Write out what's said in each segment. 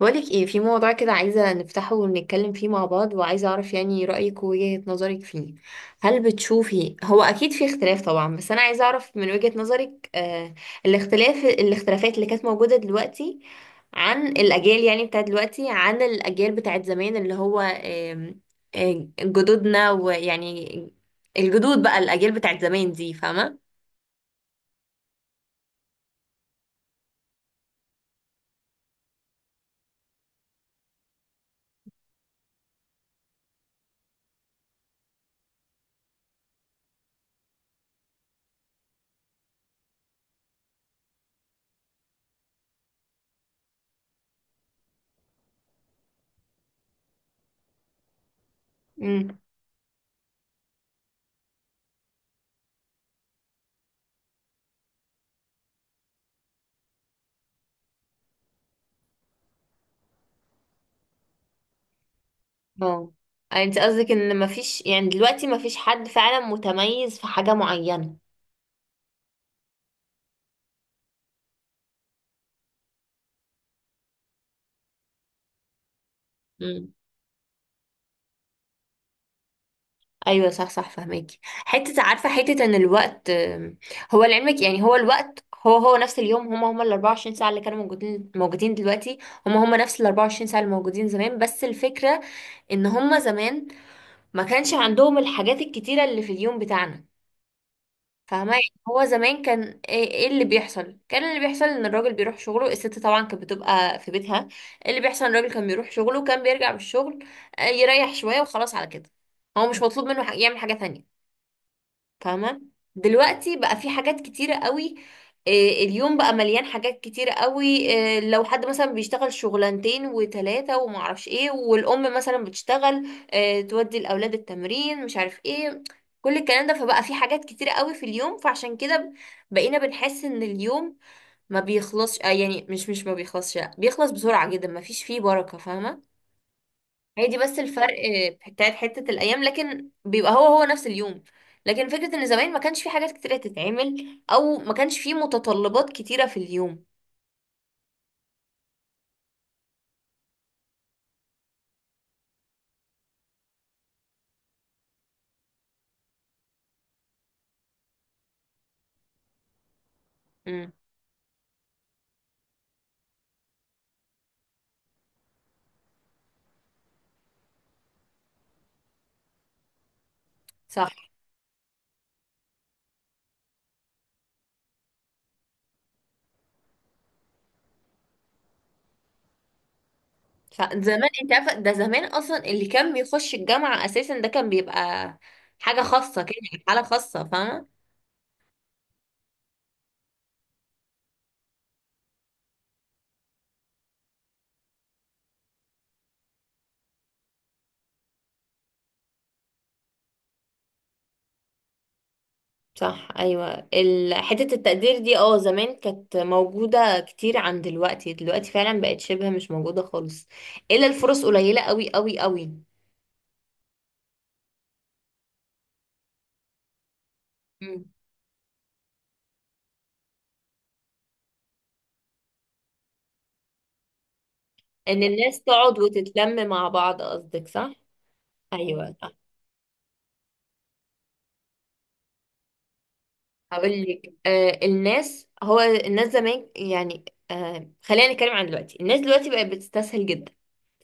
بقولك ايه في موضوع كده عايزة نفتحه ونتكلم فيه مع بعض، وعايزة اعرف يعني رأيك ووجهة نظرك فيه. هل بتشوفي، هو اكيد في اختلاف طبعا، بس انا عايزة اعرف من وجهة نظرك. الاختلافات اللي كانت موجودة دلوقتي، عن الاجيال يعني بتاعت دلوقتي، عن الاجيال بتاعت زمان، اللي هو جدودنا ويعني الجدود، بقى الاجيال بتاعت زمان دي، فاهمة. امم. اه، يعني انت قصدك ان مفيش، يعني دلوقتي مفيش حد فعلا متميز في حاجة معينة. مم. ايوه، صح صح، فهماكي. حته عارفه حته ان الوقت، هو لعلمك، يعني هو الوقت هو هو نفس اليوم، هما ال 24 ساعه اللي كانوا موجودين موجودين دلوقتي. هما نفس ال 24 ساعه اللي موجودين زمان. بس الفكره ان هما زمان ما كانش عندهم الحاجات الكتيره اللي في اليوم بتاعنا، فاهمة. يعني هو زمان، كان إيه اللي بيحصل، كان اللي بيحصل ان الراجل بيروح شغله، الست طبعا كانت بتبقى في بيتها. إيه اللي بيحصل، الراجل كان بيروح شغله وكان بيرجع من الشغل، يريح شوية وخلاص على كده. هو مش مطلوب منه يعمل حاجة تانية، فاهمة. دلوقتي بقى في حاجات كتيرة قوي، اليوم بقى مليان حاجات كتيرة قوي. لو حد مثلا بيشتغل شغلانتين وتلاتة ومعرفش ايه، والأم مثلا بتشتغل، تودي الأولاد التمرين مش عارف ايه، كل الكلام ده. فبقى في حاجات كتيرة قوي في اليوم، فعشان كده بقينا بنحس ان اليوم ما بيخلصش. يعني مش ما بيخلصش، بيخلص بسرعة جدا، ما فيش فيه بركة، فاهمة. هي دي بس الفرق بتاعت حتة الأيام، لكن بيبقى هو نفس اليوم. لكن فكرة إن زمان ما كانش في حاجات كتيرة تتعمل، أو ما كانش في متطلبات كتيرة في اليوم. امم. صح صح. زمان أنت عارفة، ده زمان أصلا اللي كان بيخش الجامعة أساسا ده كان بيبقى حاجة خاصة كده، يعني حالة خاصة، فاهمة. صح، أيوة، حتة التقدير دي، اه زمان كانت موجودة كتير عن دلوقتي. دلوقتي فعلا بقت شبه مش موجودة خالص، إلا الفرص قليلة أوي أوي أوي. ان الناس تقعد وتتلم مع بعض، قصدك؟ صح. ايوه. هقول لك، الناس زمان يعني، خلينا نتكلم عن دلوقتي. الناس دلوقتي بقت بتستسهل جدا،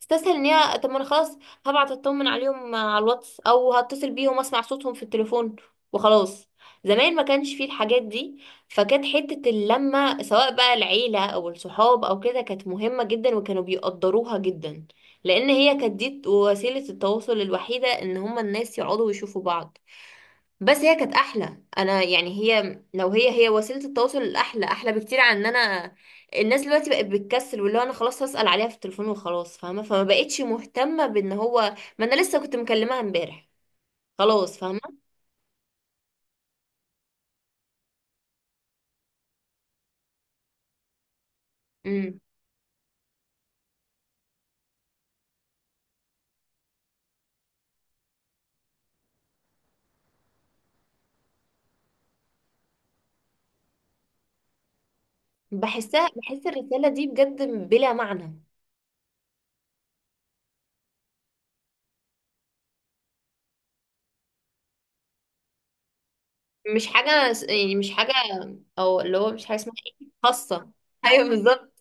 تستسهل ان هي، طب ما انا خلاص هبعت اطمن عليهم على الواتس، او هتصل بيهم اسمع صوتهم في التليفون وخلاص. زمان ما كانش فيه الحاجات دي، فكانت حتة اللمة، سواء بقى العيلة او الصحاب او كده، كانت مهمة جدا وكانوا بيقدروها جدا، لان هي كانت دي وسيلة التواصل الوحيدة، ان هما الناس يقعدوا ويشوفوا بعض. بس هي كانت احلى. انا يعني هي، لو هي وسيله التواصل، احلى بكتير عن ان انا، الناس دلوقتي بقت بتكسل، واللي هو انا خلاص هسال عليها في التليفون وخلاص، فاهمه. فما بقتش مهتمه، بان هو ما انا لسه كنت مكلماها امبارح خلاص، فاهمه. امم. بحس الرساله دي بجد بلا معنى. مش حاجه يعني مش حاجه، او اللي هو مش حاجه اسمها ايه، خاصه. ايوه بالظبط.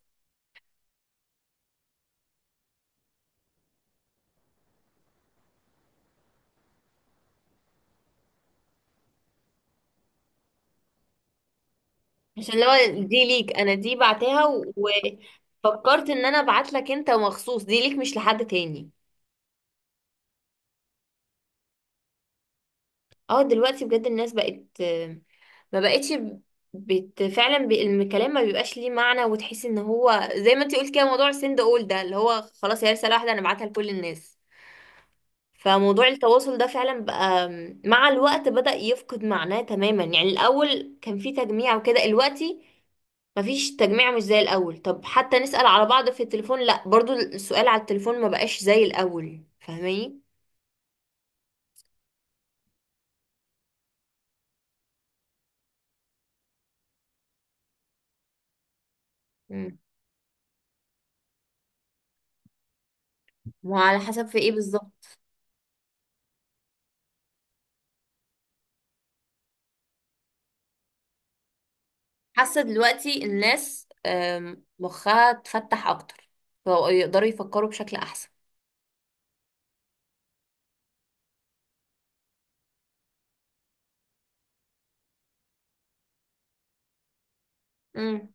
عشان اللي هو دي ليك انا، دي بعتها وفكرت ان انا ابعت لك انت مخصوص، دي ليك مش لحد تاني. اه دلوقتي بجد الناس بقت، ما بقتش فعلا الكلام ما بيبقاش ليه معنى، وتحسي ان هو زي ما انتي قلت كده، موضوع السند اول ده اللي هو خلاص هي رسالة واحدة انا ابعتها لكل الناس. فموضوع التواصل ده فعلا بقى، مع الوقت بدأ يفقد معناه تماما. يعني الاول كان في تجميع وكده، دلوقتي مفيش تجميع مش زي الاول. طب حتى نسأل على بعض في التليفون، لا، برضو السؤال على التليفون ما بقاش زي الاول، فاهماني. مم. وعلى حسب في ايه بالظبط؟ حاسة دلوقتي الناس، مخها اتفتح اكتر، فبقوا يقدروا يفكروا بشكل احسن. امم.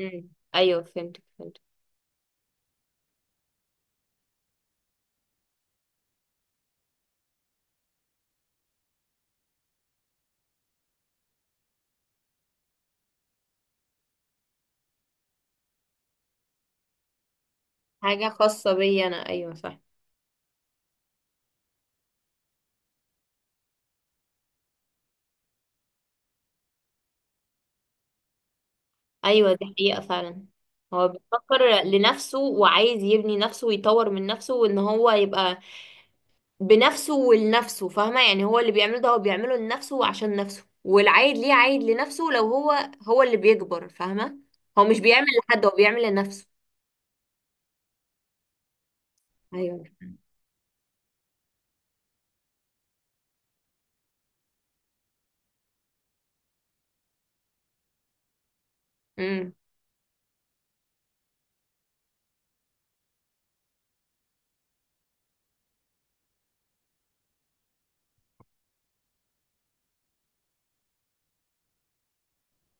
امم. ايوه فهمت فهمت. حاجه خاصه بيا انا، ايوه صح. ايوه دي حقيقه فعلا. هو بيفكر لنفسه، وعايز يبني نفسه ويطور من نفسه، وان هو يبقى بنفسه ولنفسه، فاهمه. يعني هو اللي بيعمله ده هو بيعمله لنفسه وعشان نفسه، والعايد ليه عايد لنفسه. لو هو، هو اللي بيكبر، فاهمه. هو مش بيعمل لحد، هو بيعمل لنفسه. ايوه. امم.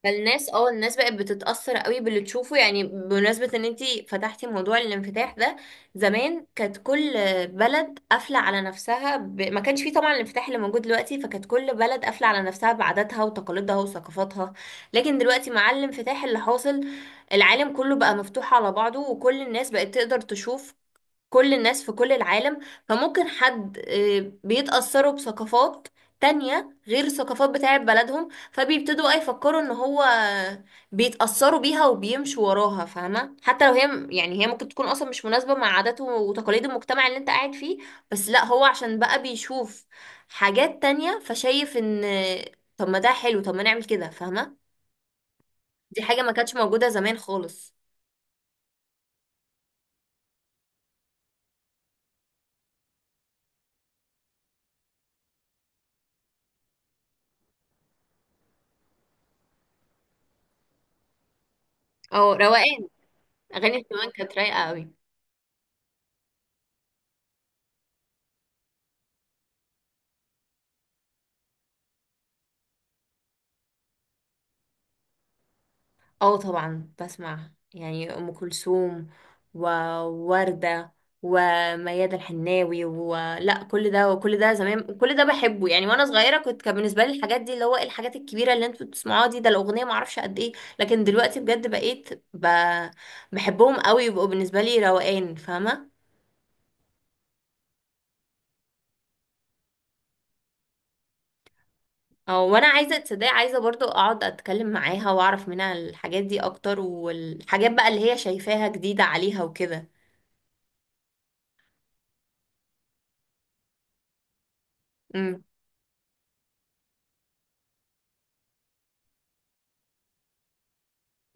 فالناس اه الناس بقت بتتأثر قوي باللي تشوفه. يعني بمناسبة ان انتي فتحتي موضوع الانفتاح ده، زمان كانت كل بلد قافلة على نفسها، ما كانش فيه طبعا الانفتاح اللي موجود دلوقتي، فكانت كل بلد قافلة على نفسها بعاداتها وتقاليدها وثقافاتها. لكن دلوقتي مع الانفتاح اللي حاصل، العالم كله بقى مفتوح على بعضه، وكل الناس بقت تقدر تشوف كل الناس في كل العالم. فممكن حد، بيتأثروا بثقافات تانية غير الثقافات بتاعة بلدهم، فبيبتدوا بقى يفكروا ان هو بيتأثروا بيها وبيمشوا وراها، فاهمة. حتى لو هي، يعني هي ممكن تكون اصلا مش مناسبة مع عاداته وتقاليد المجتمع اللي انت قاعد فيه، بس لا، هو عشان بقى بيشوف حاجات تانية فشايف ان، طب ما ده حلو، طب ما نعمل كده، فاهمة. دي حاجة ما كانتش موجودة زمان خالص. او روقان. اغاني زمان كانت رايقة قوي. اه طبعا بسمع يعني ام كلثوم، ووردة، وميادة الحناوي، ولا كل ده. وكل ده زمان كل ده بحبه. يعني وانا صغيره كان بالنسبه لي الحاجات دي، اللي هو الحاجات الكبيره اللي انتوا بتسمعوها دي، ده الاغنيه ما اعرفش قد ايه. لكن دلوقتي بجد بقيت بحبهم قوي، يبقوا بالنسبه لي روقان، فاهمه. او، وانا عايزه تصدقي، عايزه برضو اقعد اتكلم معاها واعرف منها الحاجات دي اكتر، والحاجات بقى اللي هي شايفاها جديده عليها وكده.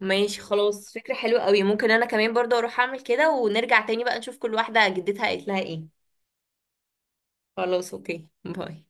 ماشي خلاص، فكرة حلوة قوي، ممكن انا كمان برضه اروح اعمل كده، ونرجع تاني بقى نشوف كل واحدة جدتها قالت لها ايه. خلاص، اوكي، باي.